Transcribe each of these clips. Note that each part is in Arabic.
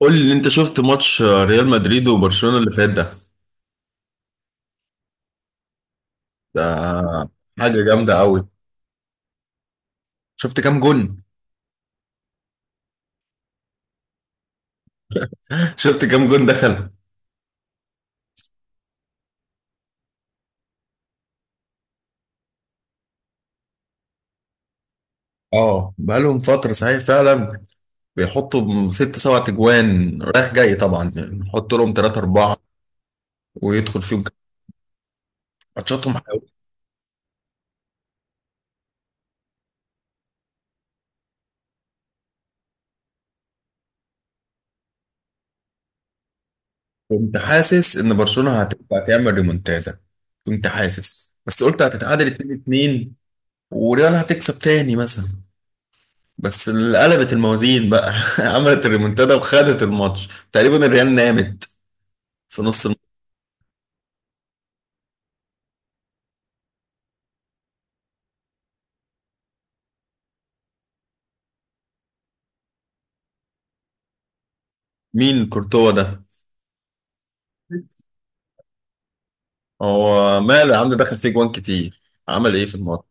قول لي انت شفت ماتش ريال مدريد وبرشلونة اللي فات ده. ده حاجة جامدة قوي. شفت كام جون. شفت كام جون دخل. اه بقالهم فترة صحيح فعلا. بيحطوا ست سبع تجوان رايح جاي طبعا، يعني نحط لهم ثلاثة أربعة ويدخل فيهم. ماتشاتهم حلوة. كنت حاسس إن برشلونة هتبقى تعمل ريمونتادا. كنت حاسس بس قلت هتتعادل 2-2 وريال هتكسب تاني مثلا. بس اللي قلبت الموازين بقى عملت الريمونتادا وخدت الماتش تقريبا، الريال نامت في نص الم-. مين كورتوا ده؟ هو ماله يا عم، دخل فيه جوان كتير. عمل ايه في الماتش؟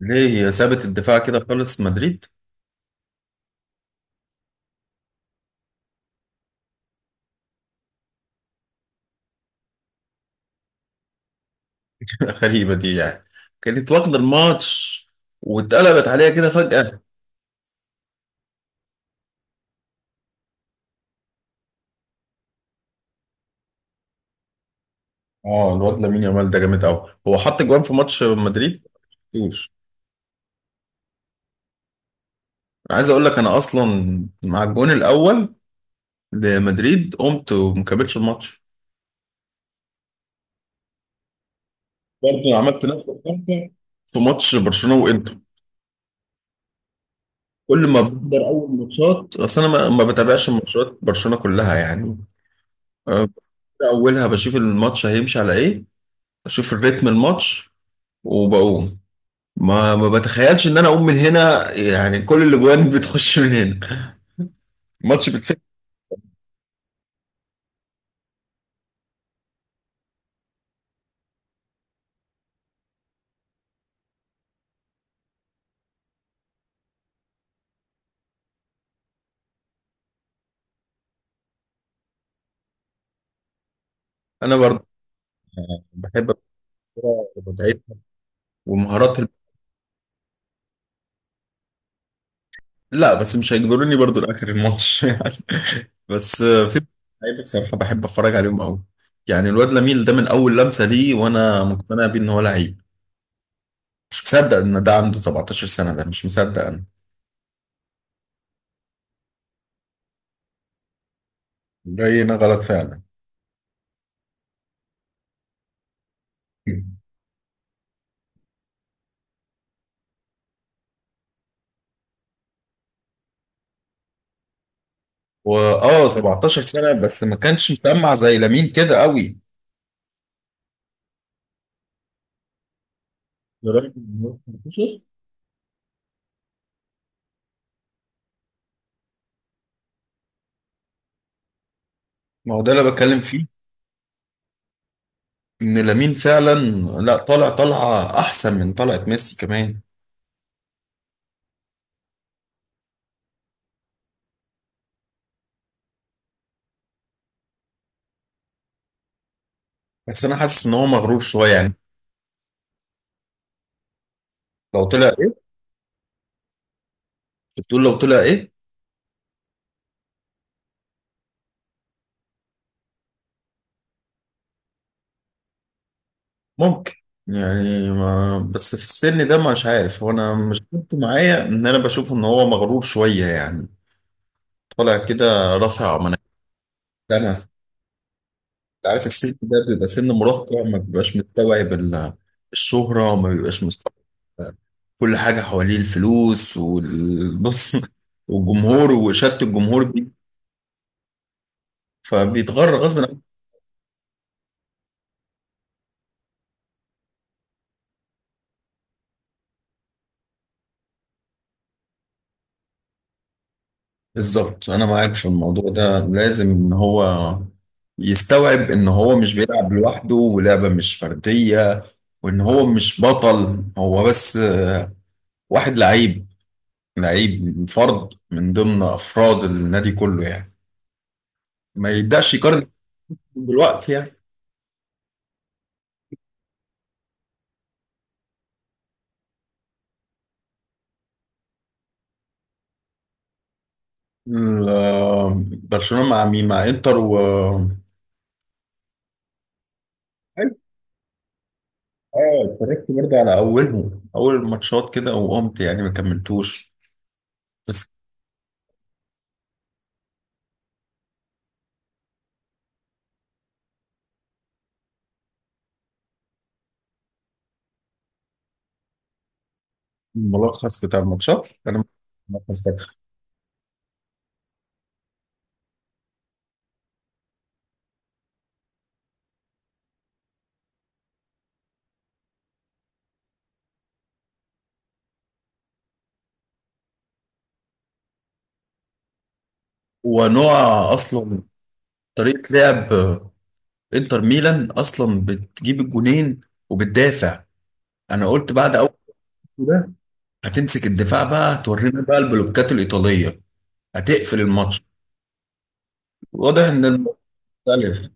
ليه سابت الدفاع كده خالص مدريد؟ غريبة دي يعني. كانت واخدة الماتش واتقلبت عليها كده فجأة. اه الواد لامين يامال ده جامد قوي، هو حط جوان في ماتش مدريد. مش. انا عايز اقول لك انا اصلا مع الجون الاول لمدريد قمت ومكملتش الماتش. برضه عملت نفس الحركه في ماتش برشلونه وانتر. كل ما بقدر اول ماتشات، اصل انا ما بتابعش ماتشات برشلونه كلها يعني. أه، ببدأ اولها بشوف الماتش هيمشي على ايه، اشوف الريتم الماتش وبقوم. ما بتخيلش ان انا اقوم من هنا، يعني كل الاجوان بتخش من هنا، الماتش بتفت. انا برضه بحب الكوره ومتعتها ومهارات. لا بس مش هيجبروني برضو لاخر الماتش يعني. بس في لعيبه بصراحه بحب اتفرج عليهم قوي. يعني الواد لميل ده من اول لمسه ليه وانا مقتنع بيه ان هو لعيب. مش مصدق ان ده عنده 17 سنه، ده مش مصدق انا. جاينا غلط فعلا. واه 17 سنه بس ما كانش مسمع زي لامين كده قوي. لدرجه إن هو 18. ما هو ده اللي بتكلم فيه، ان لامين فعلا لا طالع طالعه احسن من طلعه ميسي كمان. بس انا حاسس ان هو مغرور شويه يعني. لو طلع إيه؟ بتقول لو طلع ايه؟ ممكن. يعني ما بس في السن ده مش عارف هو، انا مش كنت معايا ان انا بشوف ان هو مغرور شويه يعني. طالع كده رافع مناكب. انا انت عارف السن ده بيبقى سن مراهقه، ما بيبقاش مستوعب ال- الشهره، ما بيبقاش مستوعب كل حاجه حواليه، الفلوس والبص والجمهور وشت الجمهور بيه فبيتغر غصب. بالظبط انا معاك في الموضوع ده، لازم ان هو يستوعب ان هو مش بيلعب لوحده ولعبة مش فردية، وان هو مش بطل هو بس. واحد لعيب، لعيب فرد من ضمن افراد النادي كله يعني. ما يبداش يقارن دلوقتي يعني. ال- برشلونة مع مين، مع انتر و حلو. اه اتفرجت برضه على اولهم اول الماتشات كده وقمت يعني ما كملتوش. بس الملخص بتاع الماتشات انا ملخص ونوع. اصلا طريقه لعب انتر ميلان اصلا بتجيب الجونين وبتدافع. انا قلت بعد اول ده هتمسك الدفاع بقى، هتورينا بقى البلوكات الايطاليه، هتقفل الماتش. واضح ان الموضوع مختلف.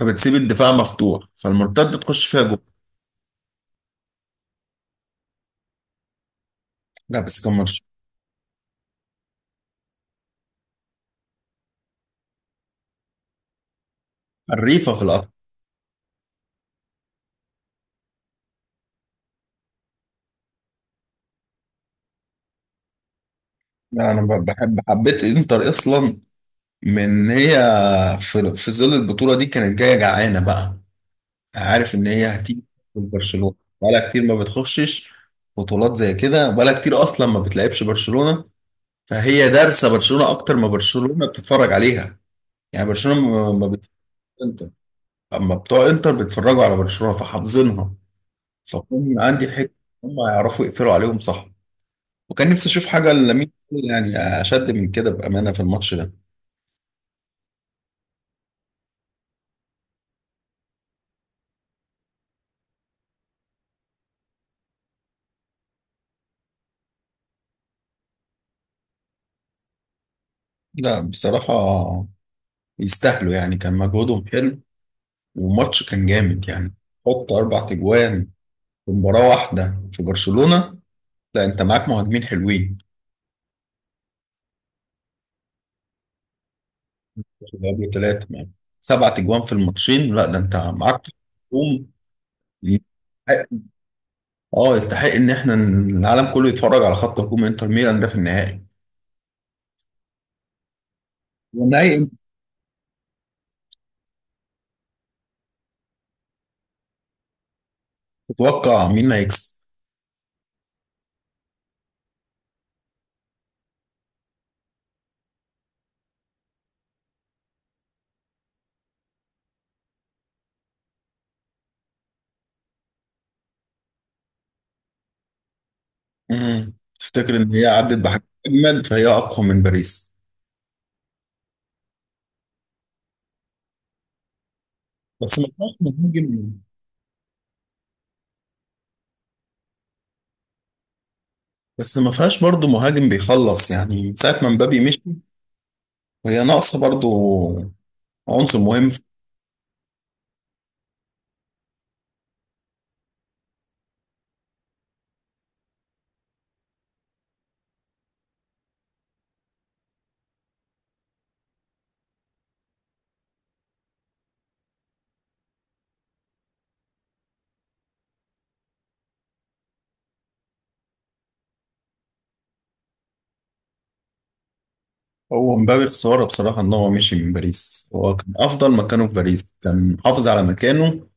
فبتسيب الدفاع مفتوح فالمرتده تخش فيها جول. لا بس كان ماتش حريفه في الارض. لا انا ب- بحب حبيت انتر اصلا من هي، في في ظل البطوله دي كانت جايه جعانه بقى. عارف ان هي هتيجي من برشلونه. بقالها كتير ما بتخشش بطولات زي كده، بقالها كتير اصلا ما بتلعبش برشلونه. فهي دارسه برشلونه اكتر ما برشلونه بتتفرج عليها. يعني برشلونه ما بت... انتر اما بتوع انتر بيتفرجوا على برشلونه فحافظينها، فكون عندي حته. هم يعرفوا يقفلوا عليهم صح. وكان نفسي اشوف حاجه لامين يعني اشد من كده بامانه في الماتش ده. لا بصراحه يستاهلوا يعني، كان مجهودهم حلو والماتش كان جامد يعني. حط اربع تجوان في مباراة واحدة في برشلونة. لا انت معاك مهاجمين حلوين. جابوا ثلاثة معاك، سبعة اجوان في الماتشين. لا ده انت معاك هجوم يستحق-. اه يستحق ان احنا ن- العالم كله يتفرج على خط هجوم انتر ميلان ده في النهائي. والنهائي انت تتوقع مين اللي هيكسب؟ مم. تفتكر ان هي عدت بحاجة اجمل فهي اقوى من باريس؟ بس ما فيهاش مهاجم. بس ما فيهاش برضه مهاجم بيخلص، يعني من ساعة ما مبابي مشي وهي ناقصة برضه عنصر مهم. هو مبابي خسارة بصراحة إن هو مشي من باريس، هو كان أفضل مكانه في باريس، كان محافظ على مكانه.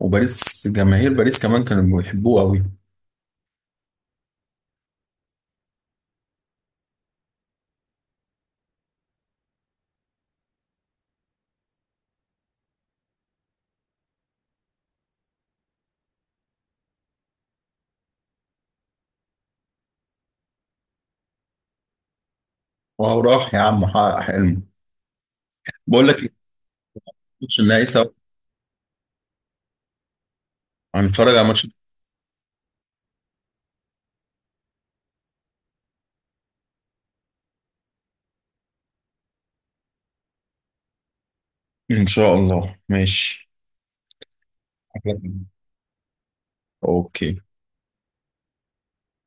وباريس جماهير باريس كمان كانوا بيحبوه أوي. وهو راح يا عم حقق حلمه. بقول لك إيه، ماتش النهائي سوا هنتفرج على ماتش. إن شاء الله ماشي. أوكي.